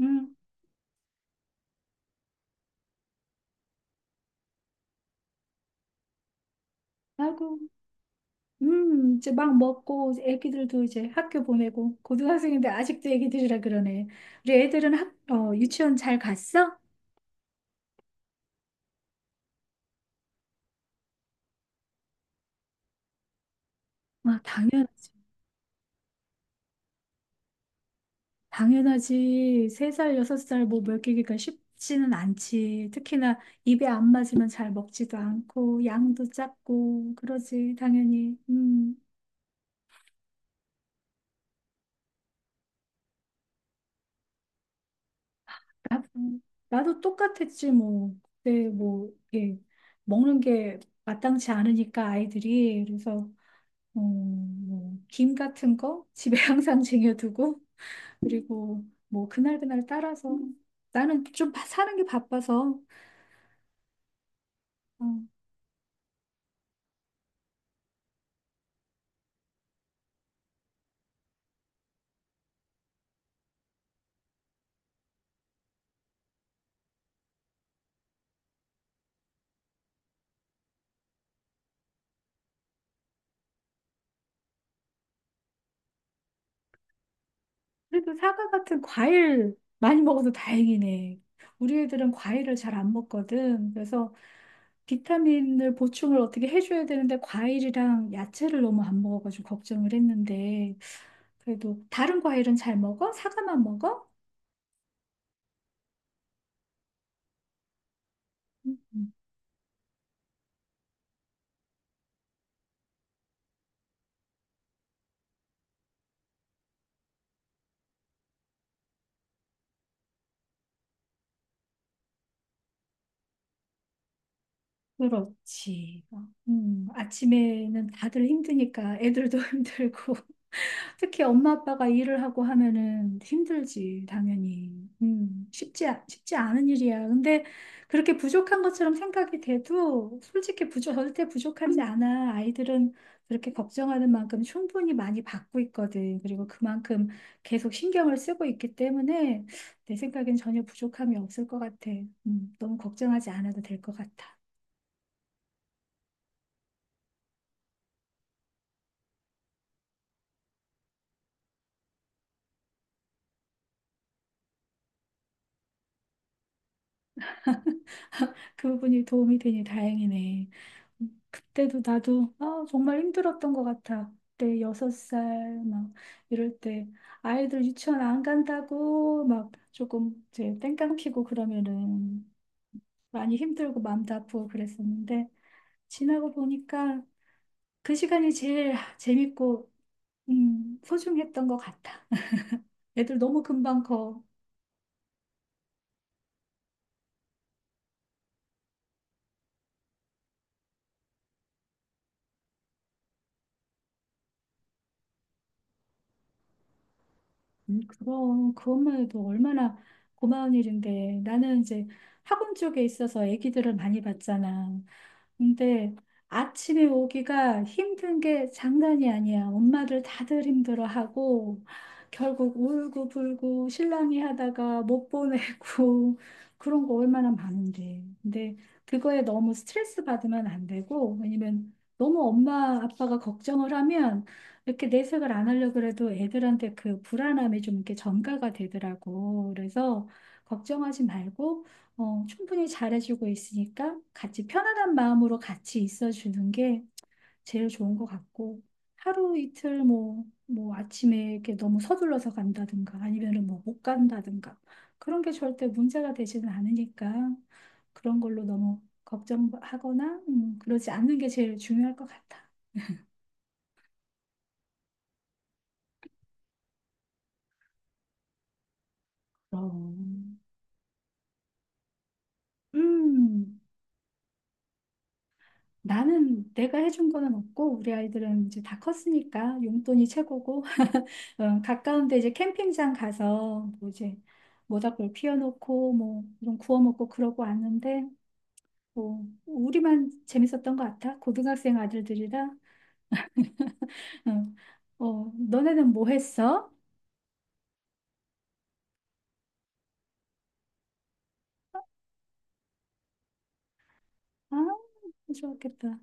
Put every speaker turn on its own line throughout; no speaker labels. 음. 아이고. 이제 막 먹고, 이제 애기들도 이제 학교 보내고, 고등학생인데 아직도 애기들이라 그러네. 우리 애들은 유치원 잘 갔어? 아, 당연하지. 당연하지. 3살 6살 뭐 먹이기가 쉽지는 않지. 특히나 입에 안 맞으면 잘 먹지도 않고, 양도 작고, 그러지, 당연히. 나도, 나도 똑같았지, 뭐. 그때 뭐, 예, 먹는 게 마땅치 않으니까 아이들이. 그래서 뭐, 김 같은 거 집에 항상 쟁여두고, 그리고 뭐, 그날그날 따라서, 나는 좀 사는 게 바빠서, 어, 그래도 사과 같은 과일 많이 먹어서 다행이네. 우리 애들은 과일을 잘 안 먹거든. 그래서 비타민을 보충을 어떻게 해줘야 되는데, 과일이랑 야채를 너무 안 먹어가지고 걱정을 했는데, 그래도 다른 과일은 잘 먹어? 사과만 먹어? 음, 음. 그렇지. 아침에는 다들 힘드니까 애들도 힘들고 특히 엄마 아빠가 일을 하고 하면은 힘들지 당연히. 쉽지 쉽지 않은 일이야. 근데 그렇게 부족한 것처럼 생각이 돼도 솔직히 부족 절대 부족하지 않아. 아이들은 그렇게 걱정하는 만큼 충분히 많이 받고 있거든. 그리고 그만큼 계속 신경을 쓰고 있기 때문에 내 생각엔 전혀 부족함이 없을 것 같아. 너무 걱정하지 않아도 될 것 같아. 그 부분이 도움이 되니 다행이네. 그때도 나도 아, 정말 힘들었던 것 같아. 그때 6살 막 이럴 때 아이들 유치원 안 간다고 막 조금 이제 땡깡 피고 그러면은 많이 힘들고 마음도 아프고 그랬었는데 지나고 보니까 그 시간이 제일 재밌고 소중했던 것 같아. 애들 너무 금방 커. 그럼 그것만 해도 얼마나 고마운 일인데 나는 이제 학원 쪽에 있어서 아기들을 많이 봤잖아. 근데 아침에 오기가 힘든 게 장난이 아니야. 엄마들 다들 힘들어하고 결국 울고불고 실랑이 하다가 못 보내고 그런 거 얼마나 많은데. 근데 그거에 너무 스트레스 받으면 안 되고 왜냐면 너무 엄마 아빠가 걱정을 하면 이렇게 내색을 안 하려고 그래도 애들한테 그 불안함이 좀 이렇게 전가가 되더라고. 그래서 걱정하지 말고 충분히 잘해주고 있으니까 같이 편안한 마음으로 같이 있어주는 게 제일 좋은 것 같고 하루 이틀 뭐, 뭐 아침에 이렇게 너무 서둘러서 간다든가 아니면은 뭐 못 간다든가 그런 게 절대 문제가 되지는 않으니까 그런 걸로 너무 걱정하거나 그러지 않는 게 제일 중요할 것 같아. 그럼. 음. 나는 내가 해준 거는 없고 우리 아이들은 이제 다 컸으니까 용돈이 최고고 가까운데 이제 캠핑장 가서 뭐 이제 모닥불 피워놓고 뭐 이런 구워 먹고 그러고 왔는데 뭐 우리만 재밌었던 것 같아 고등학생 아들들이라 너네는 뭐 했어? 아, 좋았겠다.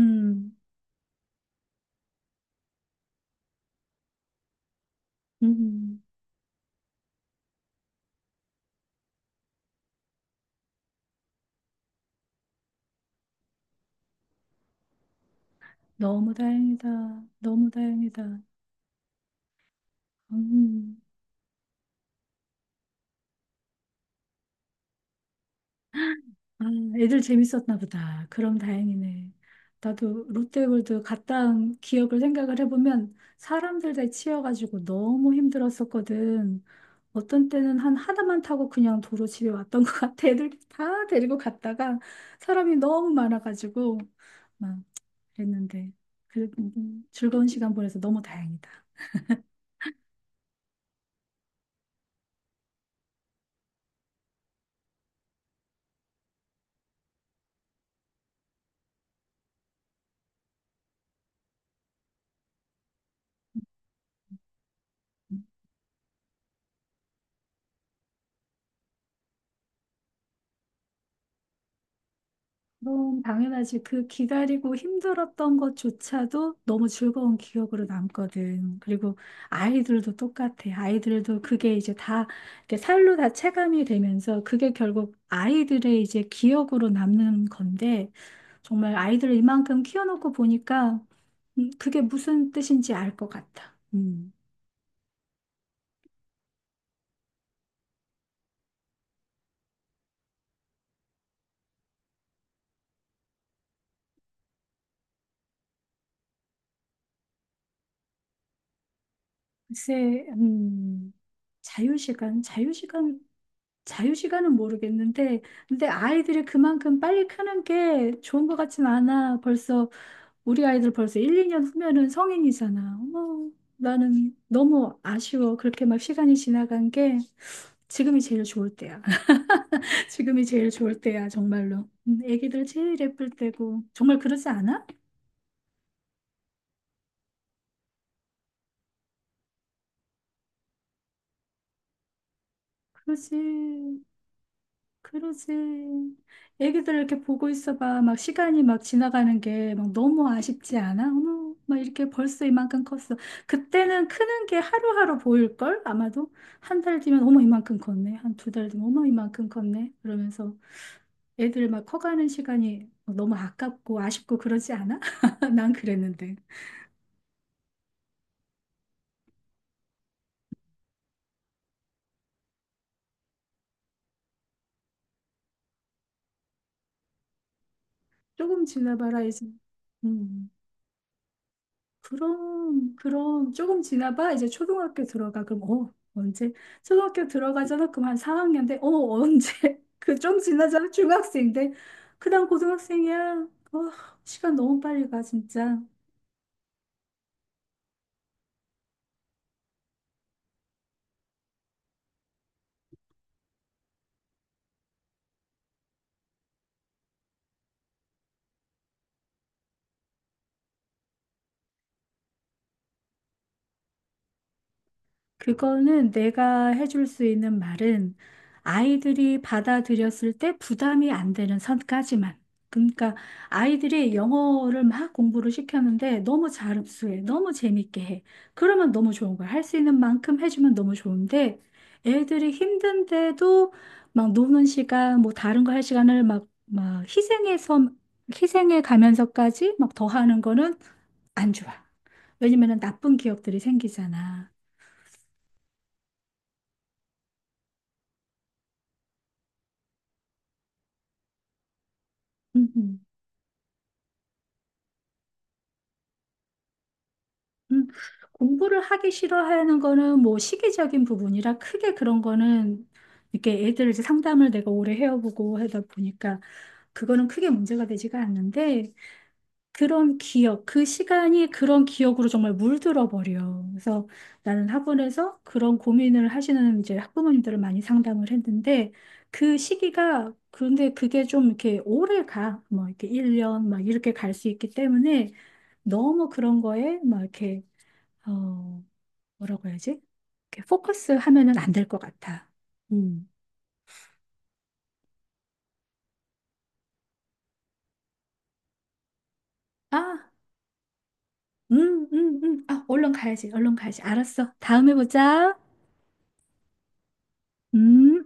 음. 음. 너무 다행이다. 너무 다행이다. 음. 아, 애들 재밌었나 보다. 그럼 다행이네. 나도 롯데월드 갔다 온 기억을 생각을 해보면 사람들 다 치여가지고 너무 힘들었었거든. 어떤 때는 한 하나만 타고 그냥 도로 집에 왔던 것 같아. 애들 다 데리고 갔다가 사람이 너무 많아가지고 막 그랬는데. 그래, 즐거운 시간 보내서 너무 다행이다. 너무 당연하지. 그 기다리고 힘들었던 것조차도 너무 즐거운 기억으로 남거든. 그리고 아이들도 똑같아. 아이들도 그게 이제 다 이렇게 살로 다 체감이 되면서 그게 결국 아이들의 이제 기억으로 남는 건데 정말 아이들을 이만큼 키워놓고 보니까 그게 무슨 뜻인지 알 것 같아. 음. 글쎄, 자유시간, 자유시간 자유시간은 모르겠는데, 근데 아이들이 그만큼 빨리 크는 게 좋은 것 같진 않아. 벌써, 우리 아이들 벌써 1, 2년 후면은 성인이잖아. 어머, 나는 너무 아쉬워. 그렇게 막 시간이 지나간 게 지금이 제일 좋을 때야. 지금이 제일 좋을 때야, 정말로. 애기들 제일 예쁠 때고. 정말 그러지 않아? 그러지. 그러지. 애기들 이렇게 보고 있어봐. 막 시간이 막 지나가는 게 막 너무 아쉽지 않아? 어머, 막 이렇게 벌써 이만큼 컸어. 그때는 크는 게 하루하루 보일걸? 아마도 한 달 뒤면 어머 이만큼 컸네. 한 두 달 뒤면 어머 이만큼 컸네. 그러면서 애들 막 커가는 시간이 너무 아깝고 아쉽고 그러지 않아? 난 그랬는데. 조금 지나봐라 이제. 음. 그럼, 그럼, 조금 지나봐. 이제 초등학교 들어가. 그럼, 언제? 초등학교 들어가잖아. 그럼 한 4학년 돼. 언제? 그 좀 지나잖아. 중학생 돼. 그 다음 고등학생이야. 어, 시간 너무 빨리 가, 진짜. 그거는 내가 해줄 수 있는 말은 아이들이 받아들였을 때 부담이 안 되는 선까지만. 그러니까 아이들이 영어를 막 공부를 시켰는데 너무 잘 흡수해, 너무 재밌게 해. 그러면 너무 좋은 거야. 할 수 있는 만큼 해주면 너무 좋은데 애들이 힘든데도 막 노는 시간, 뭐 다른 거 할 시간을 막 희생해 가면서까지 막 더 하는 거는 안 좋아. 왜냐면은 나쁜 기억들이 생기잖아. 음. 음, 공부를 하기 싫어하는 거는 뭐 시기적인 부분이라 크게 그런 거는 이렇게 애들 이제 상담을 내가 오래 해오고 하다 보니까 그거는 크게 문제가 되지가 않는데 그런 기억, 그 시간이 그런 기억으로 정말 물들어 버려. 그래서 나는 학원에서 그런 고민을 하시는 이제 학부모님들을 많이 상담을 했는데 그 시기가 그런데 그게 좀 이렇게 오래 가. 뭐 이렇게 1년 막 이렇게 갈 수 있기 때문에 너무 그런 거에 막 이렇게 어, 뭐라고 해야지? 이렇게 포커스 하면은 안 될 것 같아. 음. 아, 아, 얼른 가야지, 얼른 가야지. 알았어. 다음에 보자. 음.